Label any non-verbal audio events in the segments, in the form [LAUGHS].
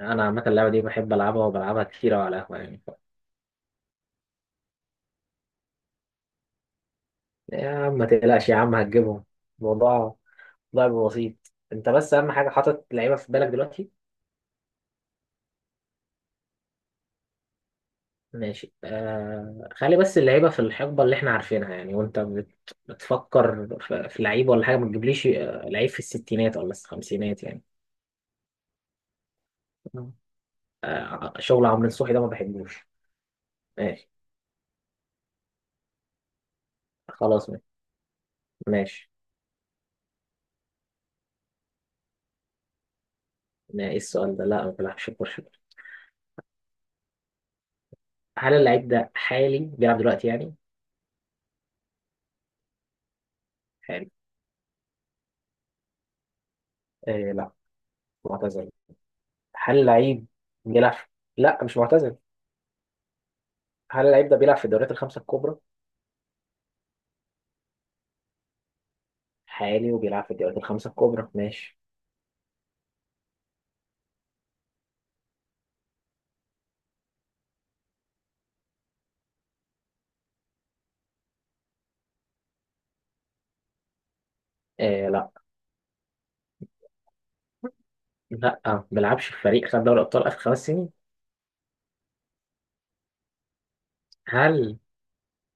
يعني انا عامه اللعبه دي بحب العبها وبلعبها كتير أوي على القهوه يعني يا عم ما تقلقش، يا عم هتجيبهم. الموضوع لعب بسيط. انت بس، اهم حاجه حاطط لعيبه في بالك دلوقتي. ماشي. خلي بس اللعيبه في الحقبه اللي احنا عارفينها يعني. وانت بتفكر في لعيب ولا حاجه، ما تجيبليش لعيب في الستينات ولا الخمسينات يعني. مم. شغل عمرو نصوحي ده ما بحبوش. ماشي. خلاص. ماشي، ماشي. ما ايه السؤال ده؟ لا ما بيلعبش كوره. هل اللعيب ده حالي بيلعب دلوقتي يعني؟ حالي. آه لا، معتزل. هل لعيب بيلعب. لا، مش معتزل. هل اللعيب ده بيلعب في الدوريات الخمسة الكبرى؟ حالي وبيلعب في الدوريات الخمسة الكبرى. ماشي. آه لا، لا. ما بيلعبش في فريق خد دوري أبطال آخر 5 سنين. هل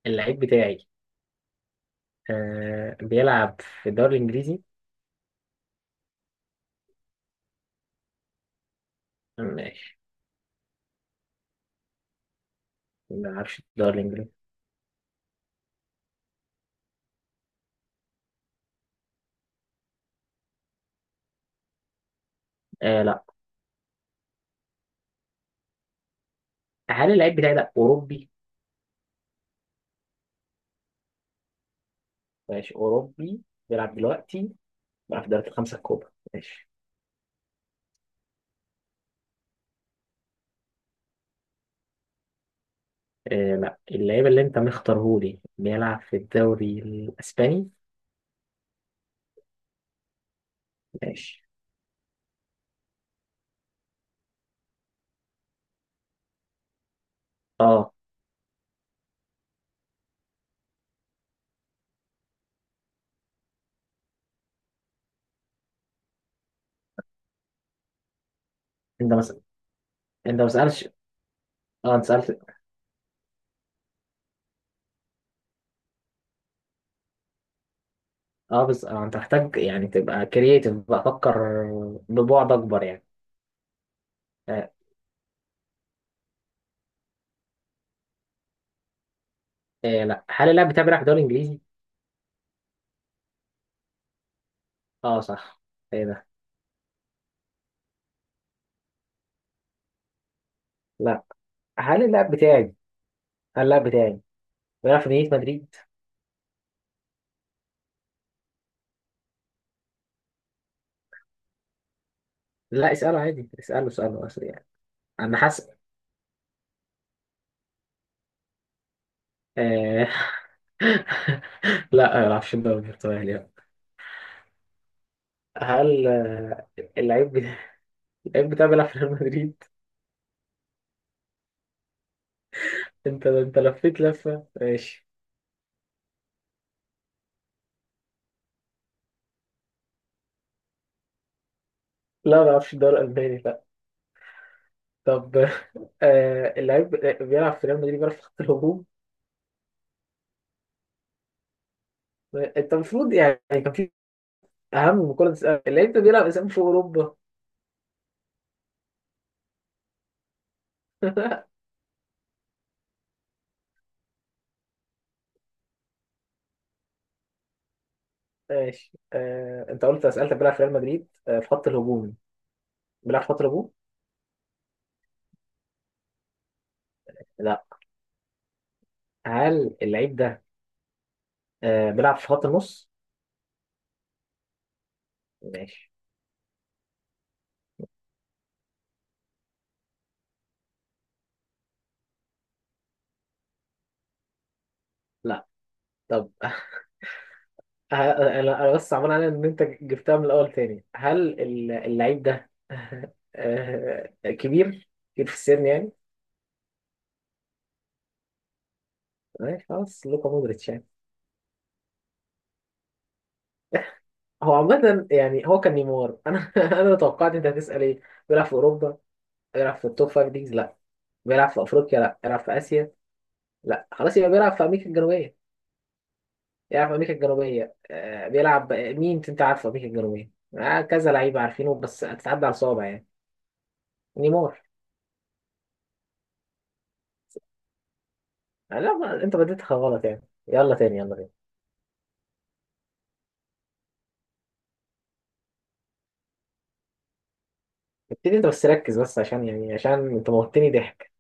اللعيب بتاعي بيلعب في الدوري الإنجليزي؟ ماشي. ما بيلعبش في الدوري الإنجليزي، آه لا. هل اللعيب بتاعي ده أوروبي؟ ماشي. أوروبي، بيلعب دلوقتي، بيلعب في الدوريات الخمسة الكبرى. ماشي. آه لا، اللعيب اللي أنت مختارهولي بيلعب في الدوري الإسباني. ماشي. اه. انت بس، انت ما سالش. اه، انت سالت. اه بس انت محتاج يعني تبقى كرييتيف، بقى فكر ببعد اكبر يعني. آه. إيه لا، هل اللاعب بتاعي بيلعب في الدوري الانجليزي؟ اه صح. ايه ده؟ لا. هل اللاعب بتاعي هل اللاعب بتاعي بيلعب في مدينة مدريد؟ لا، اساله عادي، اساله اساله اساله يعني. انا حاسس. آه. [LAUGHS] لا ما بيلعبش في الدوري البرتغالي، لا. هل اللعيب بتاعي اللعيب بتاعي بيلعب في ريال مدريد؟ انت لفيت لفه. ماشي. لا ما بيلعبش في الدوري الالماني. طب [LAUGHS] اللعيب بيلعب في ريال مدريد، بيلعب في خط الهجوم. انت المفروض يعني كان في اهم من كل ده، تسأل اللعيب ده بيلعب اسامي في اوروبا. [LAUGHS] ماشي. انت قلت سألت بيلعب في ريال مدريد، في خط الهجوم. بيلعب في خط الهجوم؟ لا. هل اللعيب ده بيلعب في خط النص؟ ماشي. لا طب. [LAUGHS] انا بس عمال على ان انت جبتها من الاول تاني. هل اللعيب ده [LAUGHS] كبير، كبير في السن يعني. ماشي. خلاص. لوكا مودريتش يعني. هو عامة يعني، هو كان نيمار. انا [LAUGHS] انا توقعت انت هتسأل ايه. بيلعب في اوروبا؟ بيلعب في التوب فايف ليجز؟ لا. بيلعب في افريقيا؟ لا. بيلعب في اسيا؟ لا. خلاص يبقى بيلعب في امريكا الجنوبية. بيلعب في امريكا الجنوبية، آه. بيلعب مين انت عارف في امريكا الجنوبية؟ آه، كذا لعيبة عارفينه بس هتتعدى على صوابع يعني. نيمار. آه لا، ما انت بديتها غلط يعني. يلا تاني، يلا تاني. ابتدي. انت بس ركز، بس عشان يعني عشان انت موتني ضحك.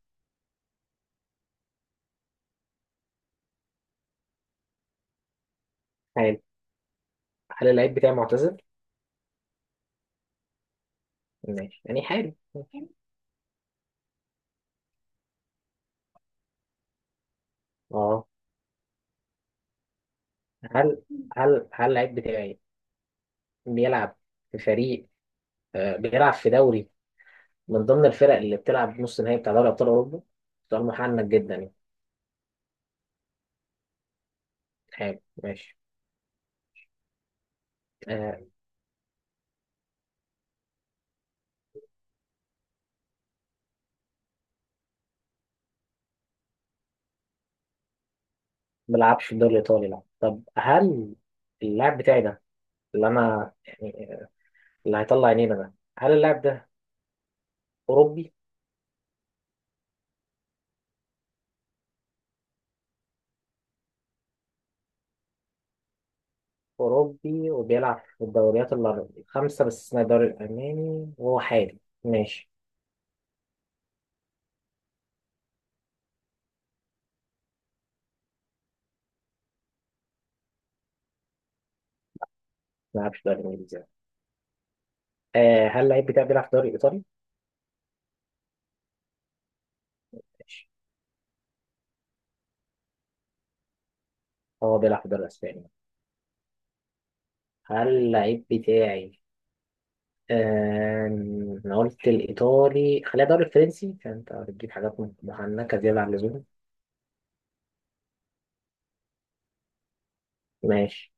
حلو. هل اللعيب بتاعي معتزل؟ ماشي يعني. حلو. اه. هل هل اللعيب بتاعي بيلعب في فريق، بيلعب في دوري من ضمن الفرق اللي بتلعب نص النهائي بتاع دوري ابطال اوروبا؟ سؤال محنك جدا يعني. حلو. ماشي. آه، ما بيلعبش في الدوري الايطالي، لا. طب، هل اللاعب بتاعي ده، اللي انا يعني اللي هيطلع عينينا ده، هل اللاعب ده اوروبي؟ اوروبي وبيلعب في الدوريات الخمسه، بس اسمها الدوري الالماني، وهو حالي. ماشي. ما بيلعبش في الدوري الانجليزي يعني. هل اللعيب بتاعي بيلعب في الدوري الايطالي؟ ماشي. هو بيلعب في الدوري الاسباني. هل اللعيب بتاعي؟ انا قلت الايطالي، خليها دوري فرنسي عشان انت بتجيب حاجات مهنكه زياده عن اللزوم. ماشي.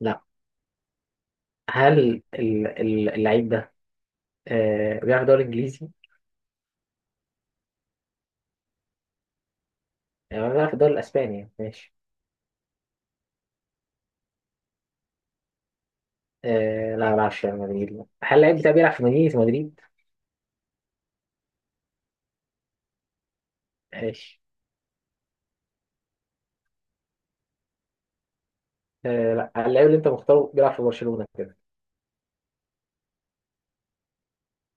لا. هل اللعيب ده بيلعب في الدوري الانجليزي؟ يعني بيلعب في الدوري الاسباني يعني. ماشي. لا ما بيلعبش في ريال مدريد، لا. هل اللعيب ده بيلعب في مدينه مدريد؟ ماشي. لا، اللعيب اللي انت مختاره بيلعب في برشلونه كده.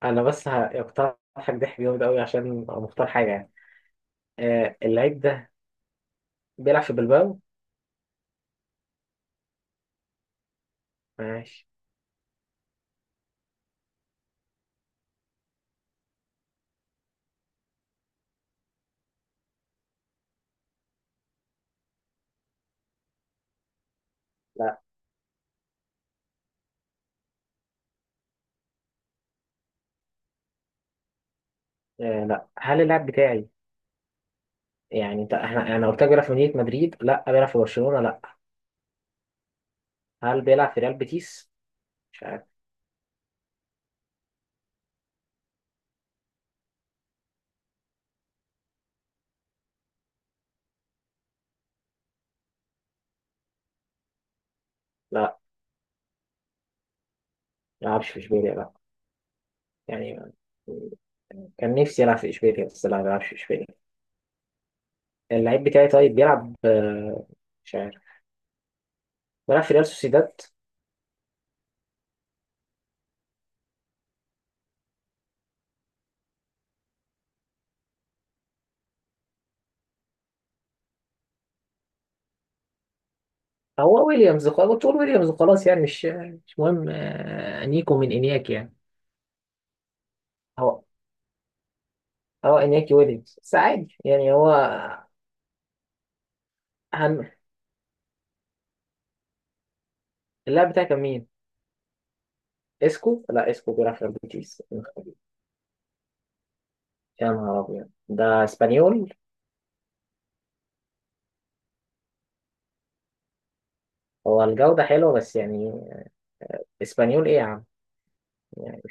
انا بس هقترحك ضحك جامد قوي عشان مختار حاجه يعني. اللعيب ده بيلعب في بلباو؟ ماشي. لا. لا. هل اللاعب بتاعي، يعني انت، احنا انا قلت لك بيلعب في مدينة مدريد لا، بيلعب في برشلونة لا. هل بيلعب في ريال بيتيس؟ مش عارف. لا ما بيلعبش في اشبيليا، لا. يعني كان نفسي يلعب في اشبيليا، بس لا، ما بيلعبش في اشبيليا. اللعيب بتاعي طيب بيلعب، مش عارف، بيلعب في ريال سوسيداد؟ هو ويليامز خلاص، تقول ويليامز خلاص يعني، مش مهم. نيكو من انياك يعني. هو، اه، انياكي ويليامز بس عادي يعني، هو اهم. اللاعب بتاعي كان مين؟ اسكو. لا اسكو بيلعب في ريال بيتيس. يا نهار أبيض، ده اسبانيول. هو الجودة حلوة بس يعني، اسبانيول إيه يا عم، يعني.